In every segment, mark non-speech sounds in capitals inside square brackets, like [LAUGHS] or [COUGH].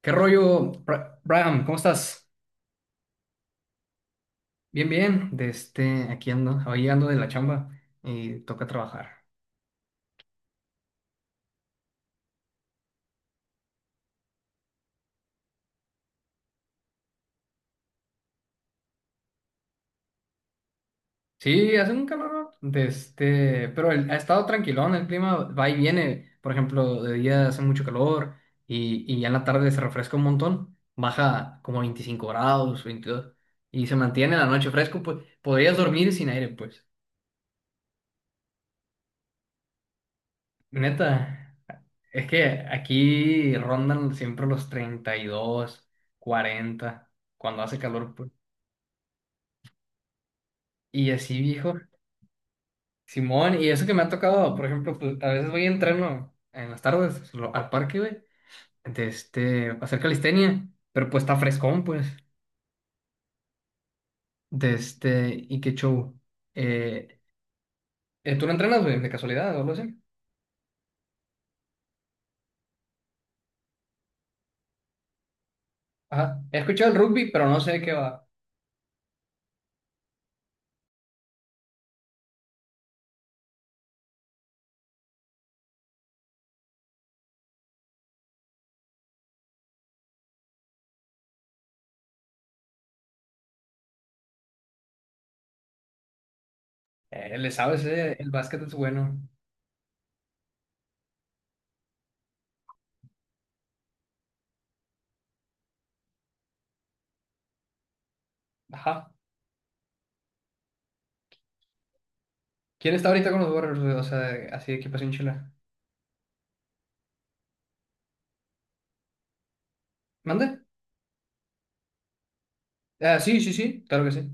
¿Qué rollo, Bram? ¿Cómo estás? Bien, bien. Aquí ando, hoy ando de la chamba y toca trabajar. Sí, hace un calor, pero ha estado tranquilón, el clima va y viene. Por ejemplo, de día hace mucho calor y ya en la tarde se refresca un montón, baja como 25 grados, 22, y se mantiene la noche fresco, pues podrías dormir sin aire, pues. Neta. Es que aquí rondan siempre los 32, 40 cuando hace calor, pues. Y así, viejo. Simón, y eso que me ha tocado, por ejemplo, pues a veces voy a entreno en las tardes al parque, güey, a hacer calistenia, pero pues está frescón, pues, y qué show. Eh, ¿Tú no entrenas, güey, de casualidad o algo así? Ajá, he escuchado el rugby, pero no sé de qué va. Le sabes, el básquet es bueno. Ajá. ¿Quién está ahorita con los Warriors, güey? O sea, así de equipación chila. ¿Mande? Ah, sí, sí, sí, claro que sí.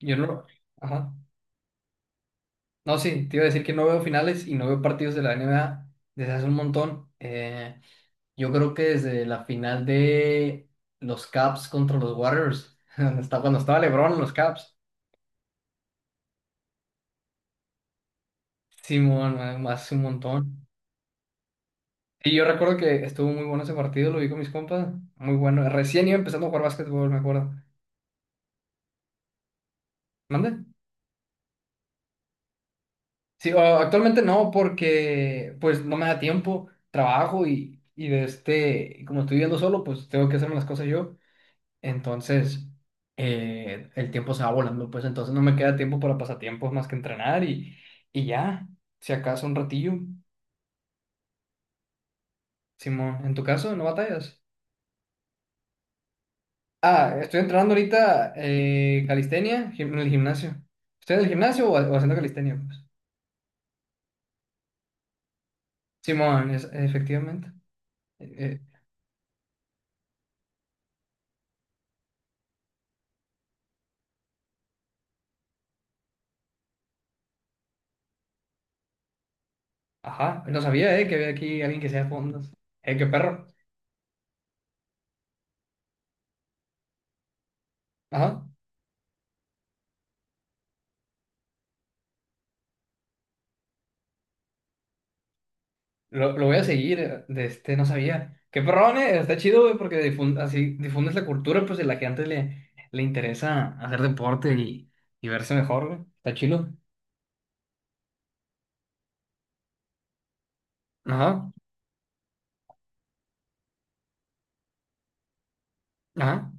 Yo no lo. Ajá. No, sí, te iba a decir que no veo finales y no veo partidos de la NBA desde hace un montón. Yo creo que desde la final de los Caps contra los Warriors, [LAUGHS] cuando estaba LeBron en los Caps. Simón, más un montón. Y yo recuerdo que estuvo muy bueno ese partido, lo vi con mis compas. Muy bueno. Recién iba empezando a jugar básquetbol, me acuerdo. ¿Mande? Sí, actualmente no, porque pues no me da tiempo, trabajo y como estoy viviendo solo, pues tengo que hacerme las cosas yo. Entonces, el tiempo se va volando, pues entonces no me queda tiempo para pasatiempos más que entrenar y, y ya, si acaso un ratillo. Simón, ¿en tu caso no batallas? Ah, estoy entrenando ahorita, calistenia, en el gimnasio. ¿Estoy en el gimnasio o haciendo calistenia, pues? Simón, efectivamente. Eh, Ajá, no sabía, que había aquí alguien que sea fondos. Qué perro. Ajá, lo voy a seguir, no sabía. Qué perrón, está chido, güey, porque así difundes la cultura, pues, de la que antes le interesa hacer deporte y verse mejor, güey. Está chido. Ajá, ajá.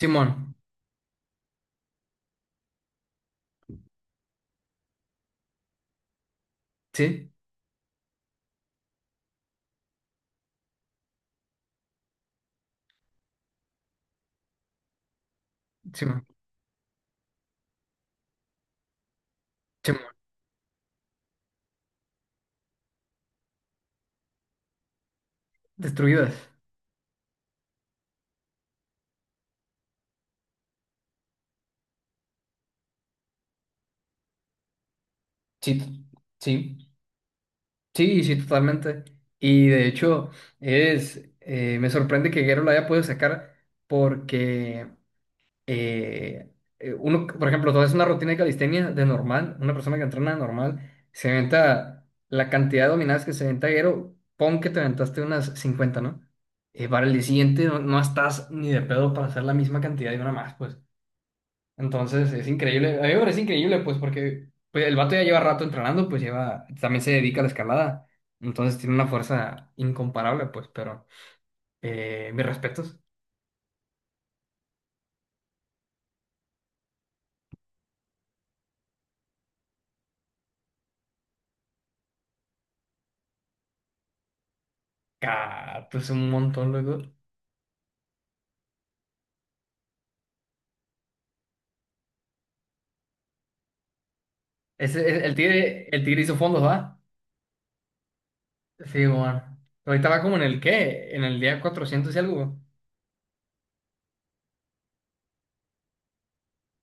Simón, sí, Simón, Simón. Destruidas. Sí, sí, sí, sí, totalmente. Y de hecho, me sorprende que Guerrero lo haya podido sacar, porque eh, uno, por ejemplo, tú haces una rutina de calistenia de normal, una persona que entrena normal, se aventa la cantidad de dominadas que se aventa Guero. Pon que te aventaste unas 50, ¿no? Para el día siguiente no estás ni de pedo para hacer la misma cantidad de una más, pues. Entonces es increíble, a mí me parece increíble, pues, porque pues el vato ya lleva rato entrenando, pues lleva, también se dedica a la escalada, entonces tiene una fuerza incomparable, pues, pero mis respetos. Ah, pues un montón, loco. El tigre hizo fondos, ¿va? Sí, bueno. Ahorita va como en el día 400 y algo.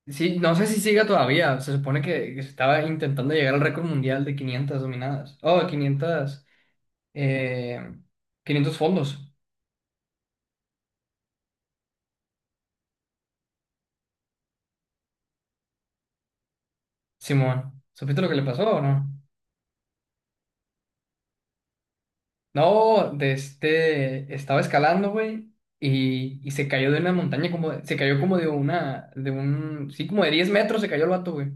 Sí, no sé si siga todavía. Se supone que se estaba intentando llegar al récord mundial de 500 dominadas. Oh, 500, eh, 500 fondos, Simón. ¿Supiste lo que le pasó o no? No, estaba escalando, güey, y se cayó de una montaña, se cayó como de una, de un, sí, como de 10 metros se cayó el vato, güey.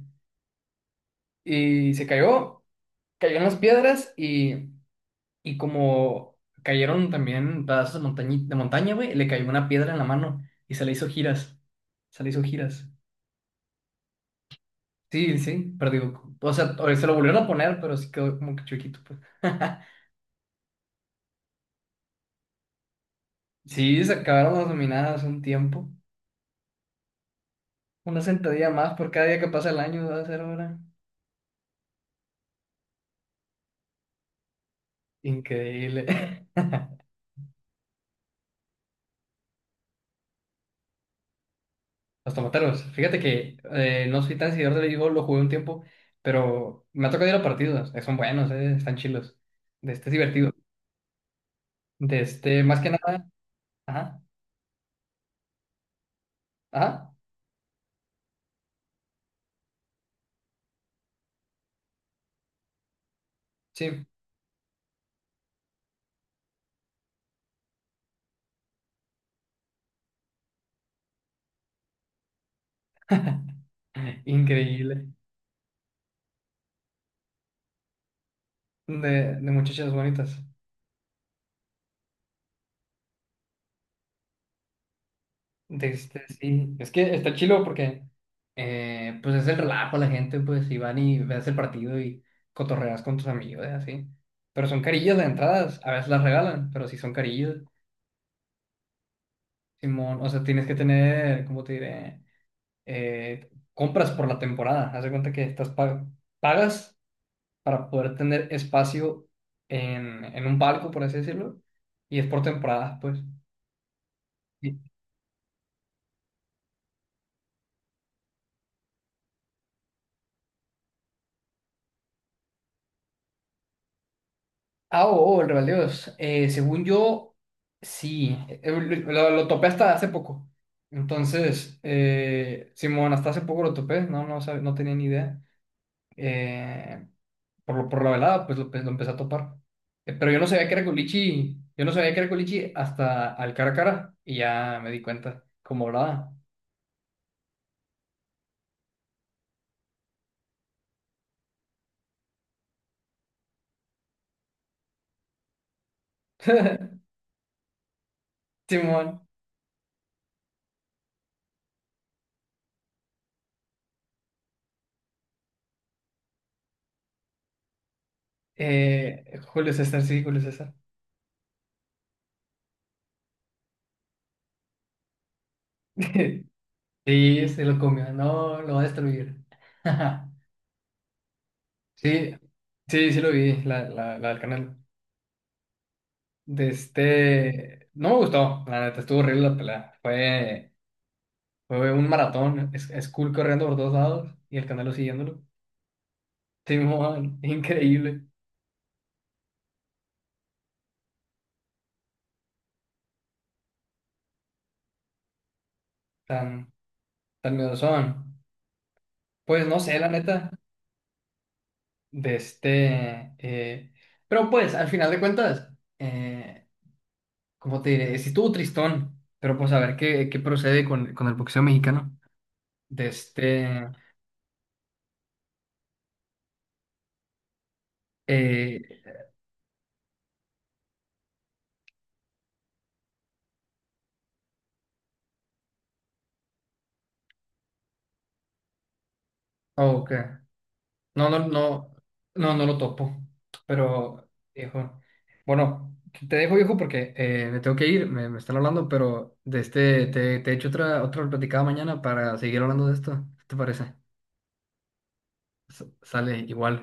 Y se cayó. Cayó en las piedras y como cayeron también pedazos de de montaña, güey, le cayó una piedra en la mano y se le hizo giras. Se le hizo giras. Sí, sí, pero digo, o sea, se lo volvieron a poner, pero sí quedó como que chiquito, pues. [LAUGHS] Sí, se acabaron las dominadas un tiempo. Una sentadilla más por cada día que pasa el año, va a ser ahora. Increíble. [LAUGHS] Los tomateros. Fíjate que, no soy tan seguidor del béisbol, lo jugué un tiempo, pero me ha tocado ir a partidos. Eh, son buenos, están chilos. De este Es divertido. Más que nada. Ajá, ajá, sí. [LAUGHS] Increíble. De muchachas bonitas. Sí. Es que está chilo porque, pues es el relajo la gente, pues, y van y ves el partido y cotorreas con tus amigos, así. Pero son carillas de entradas, a veces las regalan, pero sí son carillas. Simón, o sea, tienes que tener, ¿cómo te diré? Compras por la temporada. Haz de cuenta que estás pagas para poder tener espacio en, un barco, por así decirlo, y es por temporada, pues. Y- Ah, oh, oh, el Real de. Según yo, sí. Lo topé hasta hace poco. Entonces, Simón, hasta hace poco lo topé, no tenía ni idea. eh, por la velada, pues lo empecé a topar. Pero yo no sabía que era culichi, yo no sabía que era culichi hasta al cara a cara, y ya me di cuenta como hablaba. [LAUGHS] Simón, Julio César, sí, Julio César. [LAUGHS] Sí, se lo comió, no, lo va a destruir. [LAUGHS] Sí, sí, sí lo vi, la del canal. No me gustó, la neta, estuvo horrible la pelea. Fue un maratón, es cool corriendo por todos lados y el canal siguiéndolo. Simón, [LAUGHS] increíble, tan, tan miedosón. Pues no sé, la neta, de este... eh, pero pues, al final de cuentas, eh, como te diré, sí estuvo tristón, pero pues a ver qué procede con el boxeo mexicano. De este... Eh, oh, ok. No, no, no, no, no lo topo. Pero, viejo, bueno, te dejo, viejo, porque me tengo que ir, me están hablando, pero te echo otra platicada mañana para seguir hablando de esto. ¿Qué te parece? Sale igual.